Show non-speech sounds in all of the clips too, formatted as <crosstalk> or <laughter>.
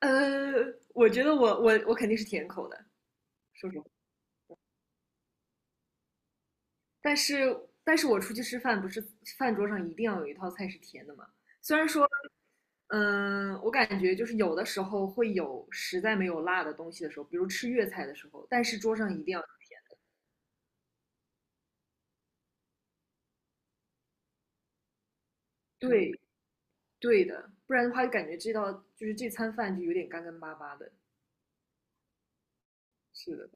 呃，我觉得我肯定是甜口的，说实话。但是但是我出去吃饭，不是饭桌上一定要有一套菜是甜的嘛？虽然说，我感觉就是有的时候会有实在没有辣的东西的时候，比如吃粤菜的时候，但是桌上一定要对对的，不然的话就感觉这餐饭就有点干干巴巴的。是的，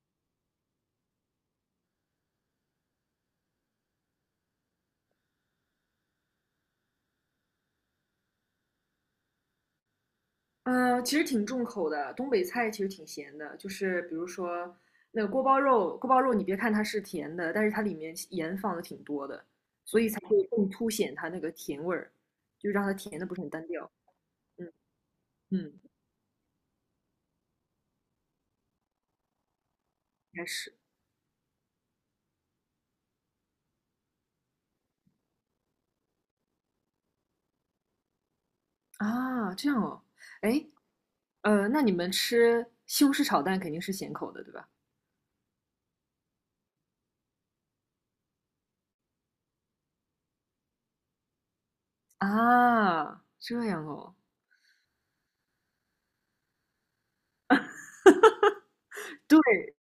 嗯，其实挺重口的，东北菜其实挺咸的，就是比如说那个锅包肉，锅包肉你别看它是甜的，但是它里面盐放的挺多的，所以才会更凸显它那个甜味儿，就让它甜的不是很单调。嗯嗯，应该是啊，这样哦。哎，那你们吃西红柿炒蛋肯定是咸口的，对吧？啊，这样哦，对，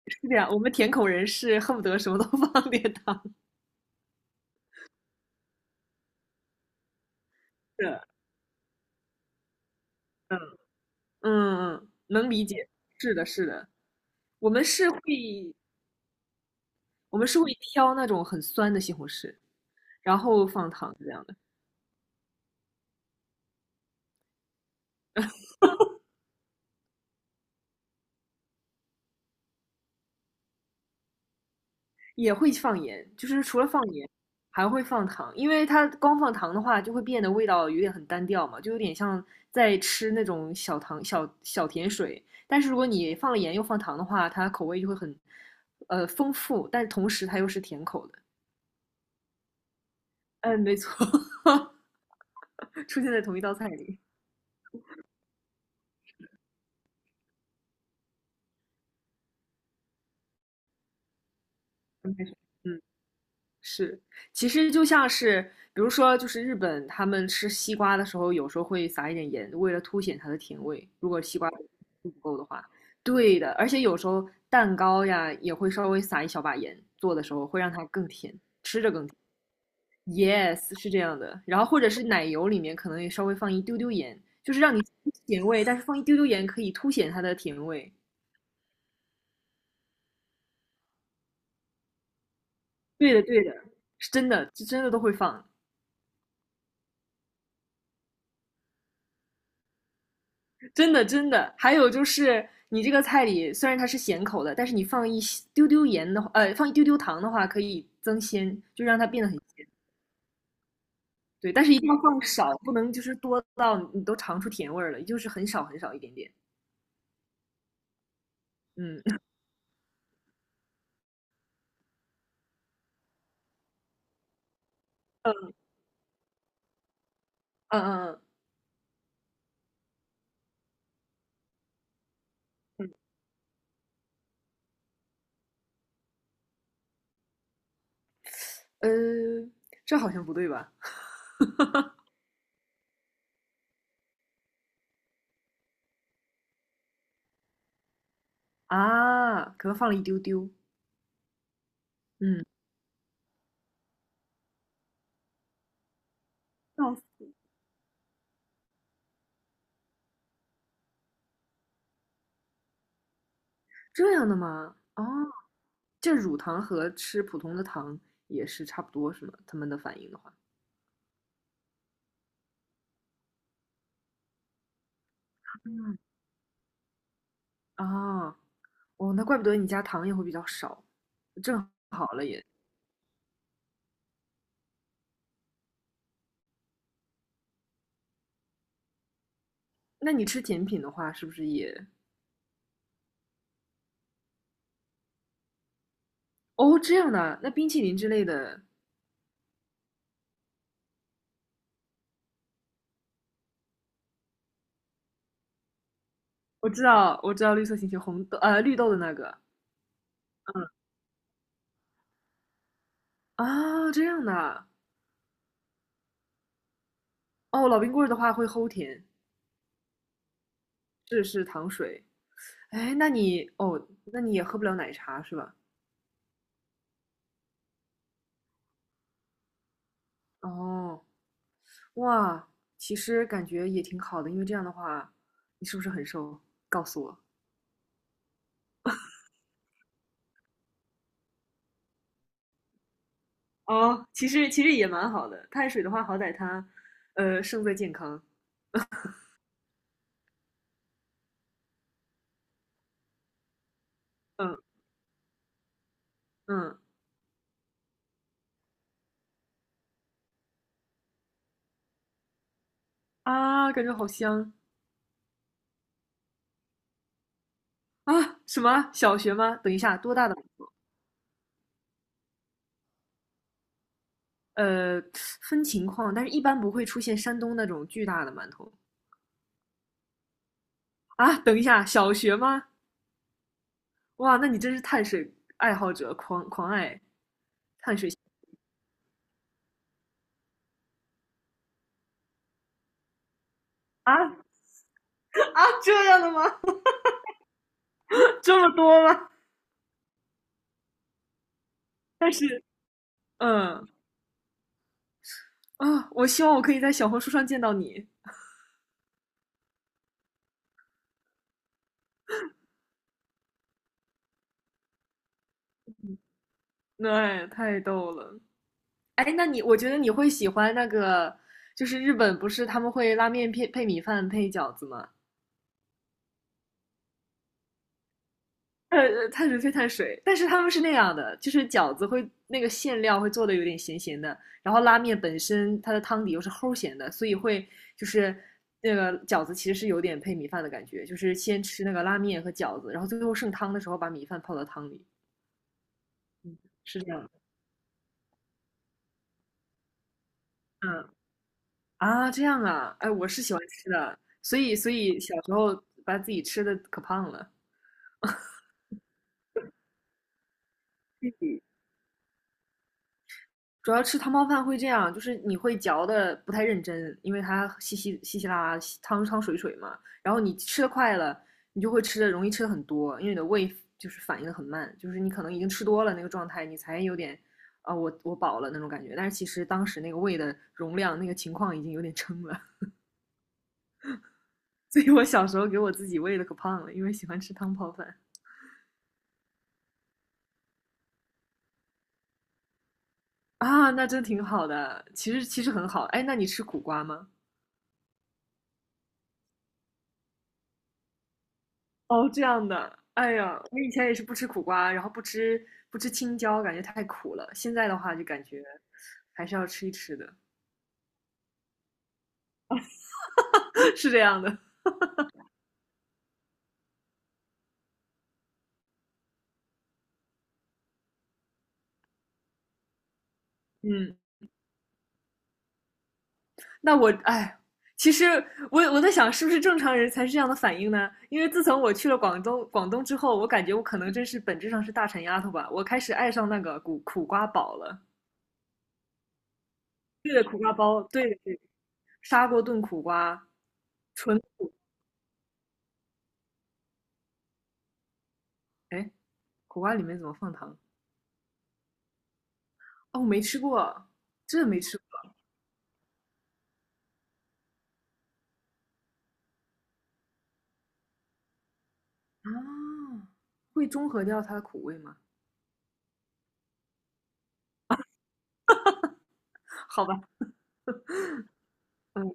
是这样，我们甜口人是恨不得什么都 <laughs> 放点糖的，嗯。嗯嗯，能理解，是的，是的，我们是会我们是会挑那种很酸的西红柿，然后放糖这样的，也会放盐，就是除了放盐，还会放糖，因为它光放糖的话，就会变得味道有点很单调嘛，就有点像在吃那种小糖小小甜水。但是如果你放了盐又放糖的话，它口味就会很丰富，但是同时它又是甜口的。嗯，没错，<laughs> 出现在同一道菜里。嗯，是，其实就像是，比如说，就是日本他们吃西瓜的时候，有时候会撒一点盐，为了凸显它的甜味。如果西瓜不够的话，对的。而且有时候蛋糕呀，也会稍微撒一小把盐，做的时候会让它更甜。Yes,是这样的。然后或者是奶油里面可能也稍微放一丢丢盐，就是让你甜味，但是放一丢丢盐可以凸显它的甜味。对的，对的，是真的，是真的都会放。真的真的。还有就是你这个菜里虽然它是咸口的，但是你放一丢丢盐的话，放一丢丢糖的话，可以增鲜，就让它变得很鲜。对，但是一定要放少，不能就是多到你都尝出甜味儿了，就是很少很少一点点。嗯嗯嗯嗯嗯，呃，这好像不对吧？啊，可能放了一丢丢。嗯，哦，这样的吗？哦，这乳糖和吃普通的糖也是差不多是吗？他们的反应的话，啊，哦，那怪不得你家糖也会比较少，正好了也。那你吃甜品的话，是不是也。哦，这样的啊那冰淇淋之类的，我知道，我知道绿色星球绿豆的那个，嗯这样的啊哦，老冰棍儿的话会齁甜，是糖水。哎，那你也喝不了奶茶是吧？哦，哇，其实感觉也挺好的，因为这样的话，你是不是很瘦？告诉我。哦，其实也蛮好的，碳水的话，好歹它，胜在健康。嗯嗯啊，感觉好香啊！什么小学吗？等一下，多大的？呃，分情况，但是一般不会出现山东那种巨大的馒头啊。等一下，小学吗？哇，那你真是碳水爱好者，狂爱啊啊！这样的吗？<laughs> 这么多吗？但是，嗯我希望我可以在小红书上见到你。对，太逗了。哎，那你我觉得你会喜欢那个，就是日本不是他们会拉面配米饭配饺子吗？碳水配碳水，但是他们是那样的，就是饺子会那个馅料会做的有点咸咸的，然后拉面本身它的汤底又是齁咸的，所以会就是那个饺子其实是有点配米饭的感觉，就是先吃那个拉面和饺子，然后最后剩汤的时候把米饭泡到汤里，嗯，是这样的嗯这样啊，哎，我是喜欢吃的，所以小时候把自己吃的可胖了。主要吃汤泡饭会这样，就是你会嚼的不太认真，因为它稀稀稀稀拉拉、汤汤水水嘛。然后你吃的快了，你就会吃的容易吃的很多，因为你的胃就是反应的很慢，就是你可能已经吃多了那个状态，你才有点我饱了那种感觉。但是其实当时那个胃的容量、那个情况已经有点撑了，<laughs> 所以我小时候给我自己喂的可胖了，因为喜欢吃汤泡饭啊，那真挺好的。其实其实很好。哎，那你吃苦瓜吗？哦，这样的，哎呀，我以前也是不吃苦瓜，然后不吃青椒，感觉太苦了。现在的话就感觉还是要吃一吃的，<laughs> 是这样的。嗯，那我哎，其实我在想，是不是正常人才是这样的反应呢？因为自从我去了广东之后，我感觉我可能真是本质上是大馋丫头吧，我开始爱上那个苦瓜煲了。对的，苦瓜煲，对的，对的砂锅炖苦瓜，纯，哎，苦瓜里面怎么放糖？哦，我没吃过，真的没吃啊，会中和掉它的苦味吗？好吧，嗯，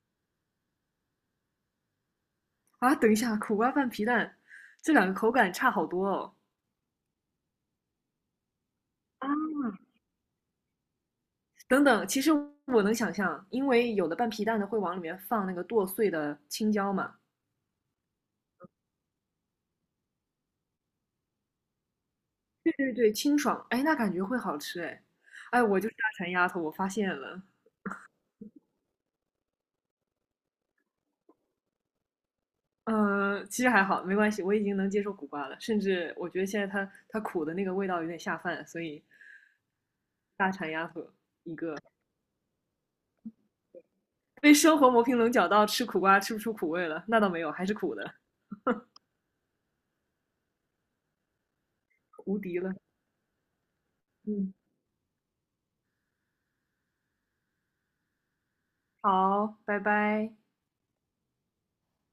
啊，等一下，苦瓜拌皮蛋，这两个口感差好多哦。啊，等等，其实我能想象，因为有的拌皮蛋的会往里面放那个剁碎的青椒嘛。对对对，清爽，哎，那感觉会好吃哎。哎，我就是大馋丫头，我发现了。嗯，其实还好，没关系，我已经能接受苦瓜了，甚至我觉得现在它苦的那个味道有点下饭，所以大馋丫头一个。被生活磨平棱角到吃苦瓜吃不出苦味了，那倒没有，还是苦的，无敌了。嗯，好，拜拜。